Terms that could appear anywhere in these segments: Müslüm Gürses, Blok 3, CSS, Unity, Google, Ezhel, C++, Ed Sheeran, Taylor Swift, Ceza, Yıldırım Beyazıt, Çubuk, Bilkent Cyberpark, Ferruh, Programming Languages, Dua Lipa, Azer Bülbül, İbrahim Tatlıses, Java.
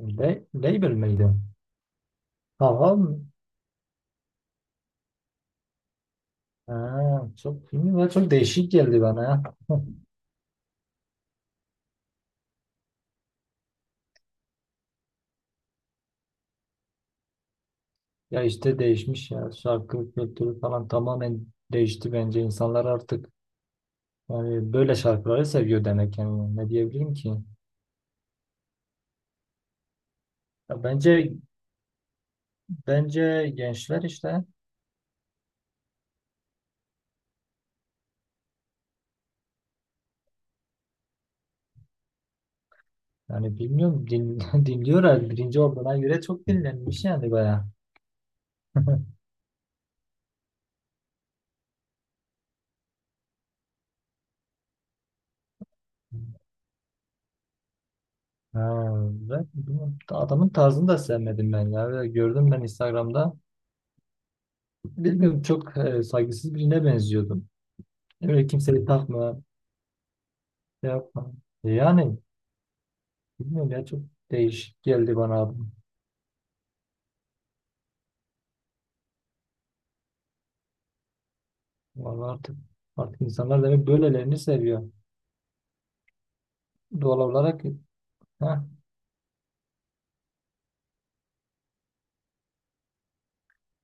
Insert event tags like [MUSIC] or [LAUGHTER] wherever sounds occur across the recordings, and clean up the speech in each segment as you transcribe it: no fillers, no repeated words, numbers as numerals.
Le label miydi? Tamam. Ha, çok bilmiyorum, çok değişik geldi bana ya. [LAUGHS] Ya işte değişmiş ya. Şarkı kültürü falan tamamen değişti bence. İnsanlar artık yani böyle şarkıları seviyor demek yani. Ne diyebilirim ki? Ya bence gençler işte yani bilmiyorum [LAUGHS] dinliyorlar. Birinci olduğuna göre çok dinlenmiş yani baya. [LAUGHS] Ha, ve bilmiyorum, adamın tarzını da sevmedim ben ya. Ve gördüm ben Instagram'da. Bilmiyorum çok saygısız birine benziyordum. Öyle kimseyi takma, şey yapma. Yani bilmiyorum ya çok değişik geldi bana abi. Vallahi artık insanlar demek böylelerini seviyor. Doğal olarak ha,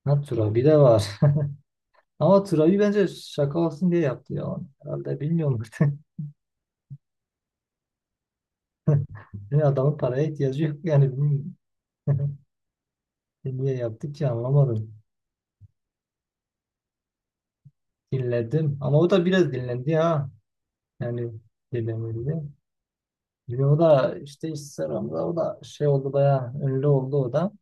ha Turabi de var. [LAUGHS] Ama Turabi bence şaka olsun diye yaptı ya onu. Herhalde bilmiyorum artık. [LAUGHS] Yani adamın paraya ihtiyacı yok yani. Bilmiyorum. Niye yaptı ki anlamadım. Dinledim ama o da biraz dinlendi ha. Yani dinlemedi. Bir o da işte Instagram'da o da şey oldu bayağı ünlü oldu o da.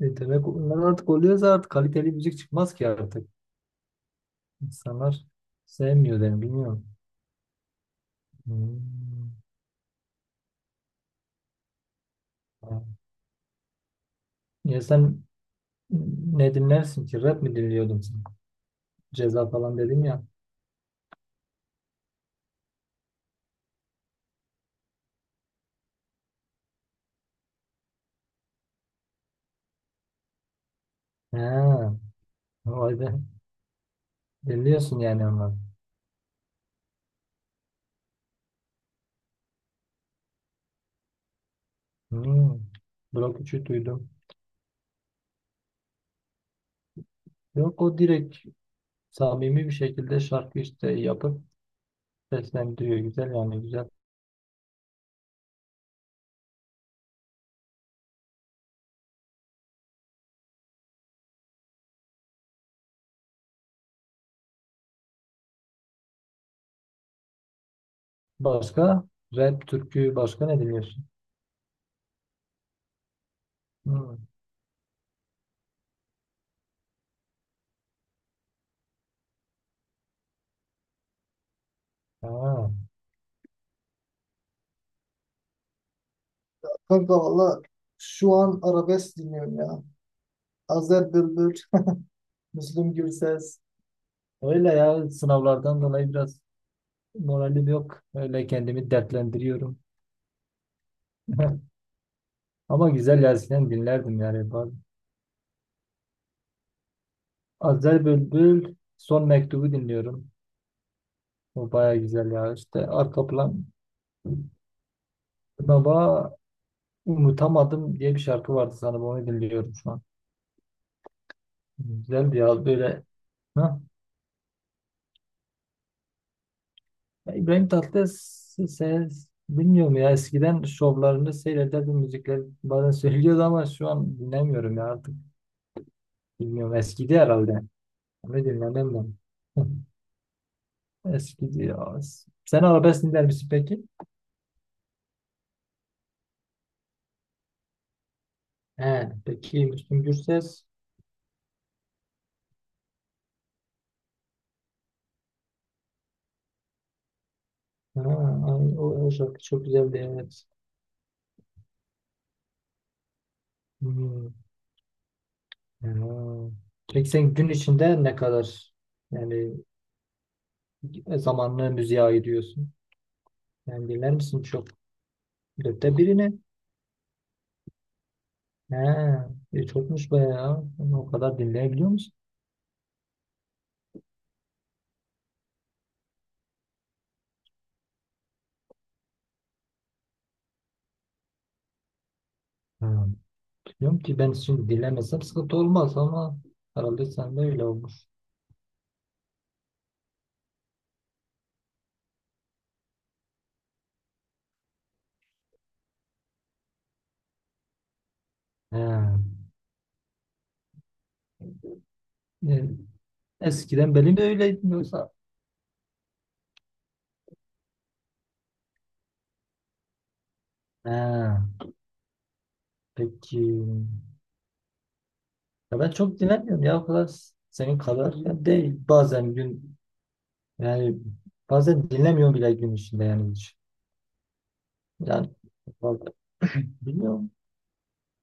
E demek onlar artık oluyoruz artık kaliteli müzik çıkmaz ki artık. İnsanlar sevmiyor yani bilmiyorum. Hmm. Ya sen ne dinlersin ki? Rap mi dinliyordun sen? Ceza falan dedim ya. Ha, vay be. Dinliyorsun yani onları. Hmm. Blok 3'ü duydum. Yok, o direkt samimi bir şekilde şarkı işte yapıp seslendiriyor. Güzel yani güzel. Başka? Rap, türkü, başka ne dinliyorsun? Hmm. Ha. Kanka valla şu an arabesk dinliyorum ya. Azer Bülbül, [LAUGHS] Müslüm Gürses. Öyle ya, sınavlardan dolayı biraz moralim yok. Öyle kendimi dertlendiriyorum. [LAUGHS] Ama güzel ya dinlerdim yani. Azer Bülbül Son Mektubu dinliyorum. O baya güzel ya. İşte arka plan baba unutamadım diye bir şarkı vardı sanırım, onu dinliyorum şu an. Güzeldi ya böyle. Heh. Ya İbrahim Tatlıses bilmiyorum ya, eskiden şovlarını seyrederdim, müzikleri bazen [LAUGHS] söylüyordu, ama şu an dinlemiyorum ya artık, bilmiyorum, eskidi herhalde. Ne dinlemem ben. [LAUGHS] Eskidi ya. Sen arabesk dinler misin peki? He, peki Müslüm Gürses, ha, ay, o şarkı çok güzeldi evet. Hmm. Ha. Peki sen gün içinde ne kadar yani zamanını müziğe ayırıyorsun, yani dinler misin çok, dörtte birini? He, e, çokmuş bayağı. Ama o kadar dinleyebiliyor musun? Ha, biliyorum ki ben şimdi dinlemesem sıkıntı olmaz ama herhalde sen de öyle olmuş. He. E, eskiden benim de öyleydim yoksa. He, peki. Ya ben çok dinlemiyorum ya, o kadar senin kadar ya değil. Bazen gün, yani bazen dinlemiyorum bile gün içinde yani hiç. Yani vallahi bilmiyorum.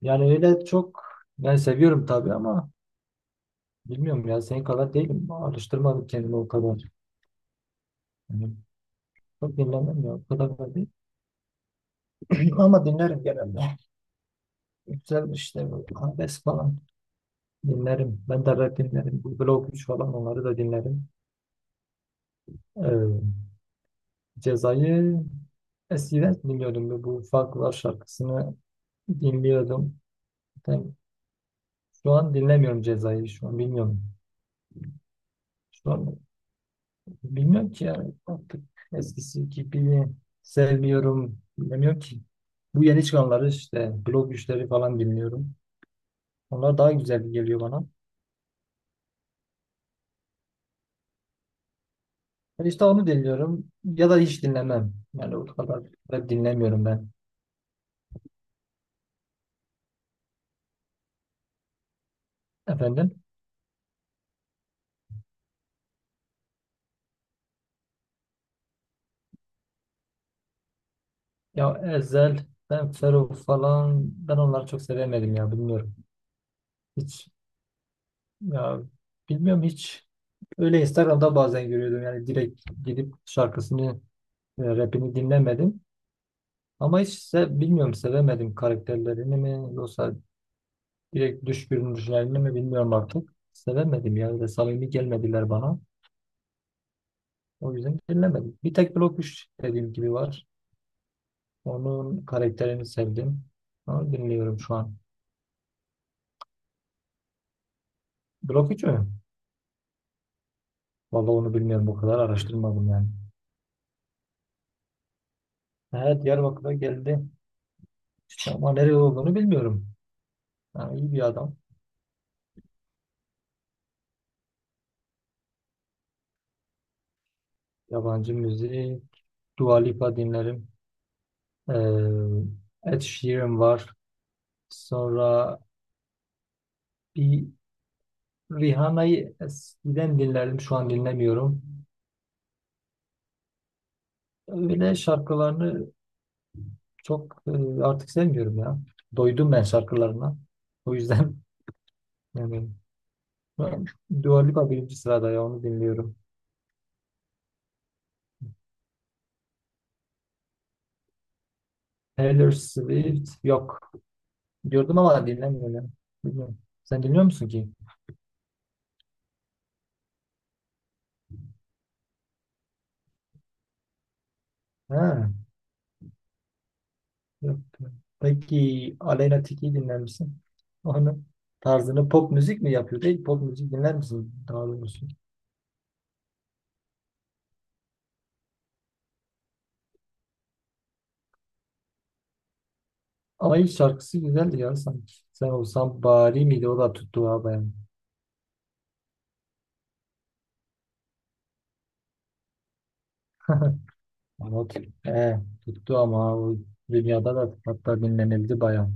Yani öyle çok, ben seviyorum tabii ama bilmiyorum ya, senin kadar değilim. Alıştırmadım kendimi o kadar. Yani çok dinlemem ya, o kadar da değil. [CLEARS THROAT] Ama dinlerim genelde. Güzel işte bu arabesk falan dinlerim. Ben de rap dinlerim. Bu Blok 3 falan, onları da dinlerim. Ee, Ceza'yı eskiden dinliyordum. Bu Farklılar şarkısını dinliyordum. Ben şu an dinlemiyorum Ceza'yı. Şu an bilmiyorum. Şu an bilmiyorum ki, yani artık eskisi gibi sevmiyorum. Bilmiyorum ki. Bu yeni çıkanları işte Blok 3'leri falan dinliyorum. Onlar daha güzel geliyor bana. Yani İşte onu dinliyorum ya da hiç dinlemem. Yani o kadar da dinlemiyorum ben. Efendim? Ya Ezhel, ben Ferruh falan, ben onları çok sevemedim ya, bilmiyorum. Hiç ya, bilmiyorum, hiç. Öyle Instagram'da bazen görüyordum, yani direkt gidip şarkısını, rapini dinlemedim. Ama hiç bilmiyorum, sevemedim karakterlerini mi yoksa direkt dış görünüşlerini mi, bilmiyorum artık. Sevemedim ya, ve samimi gelmediler bana. O yüzden dinlemedim. Bir tek Blok 3 dediğim gibi var. Onun karakterini sevdim. Ama bilmiyorum şu an. Blok 3 mü? Vallahi onu bilmiyorum. O kadar araştırmadım yani. Evet, Diyarbakır'a geldi. Ama nereye olduğunu bilmiyorum. Yani iyi bir adam. Yabancı müziği, Dua Lipa dinlerim. Ed Sheeran var. Sonra bir Rihanna'yı eskiden dinlerdim. Şu an dinlemiyorum. Öyle şarkılarını çok artık sevmiyorum ya. Doydum ben şarkılarına. O yüzden [LAUGHS] yani ben Dua Lipa birinci sırada ya, onu dinliyorum. Taylor Swift yok. Diyordum ama dinlemiyorum. Bilmiyorum. Sen dinliyor musun ki? Ha, yok. Peki Aleyna Tilki'yi dinler misin? Onun tarzını, pop müzik mi yapıyor? Değil, pop müzik dinler misin, daha doğrusu? Ama ilk şarkısı güzeldi ya sanki. Sen Olsan Bari miydi? O da tuttu ha bayağı. Ama o, he, tuttu ama o dünyada da hatta dinlenildi bayağı.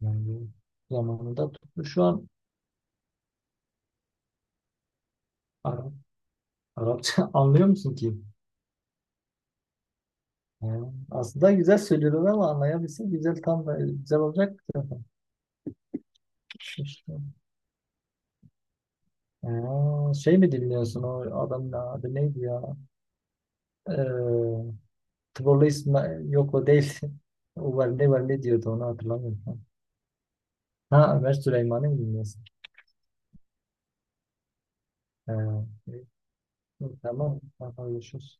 Yani zamanında tuttu. Şu an Arapça [LAUGHS] anlıyor musun ki? Ha, aslında güzel söylüyorlar ama anlayabilsin güzel, tam da güzel olacak zaten. İşte. Ha, şey mi dinliyorsun, o adamın adı neydi ya? Ee, Tıbolu İsmail, yok o değil. [LAUGHS] O var, ne var, ne diyordu, onu hatırlamıyorum. Ha, Ömer Süleyman'ı mı dinliyorsun? Ha, e, tamam. Tamam, görüşürüz.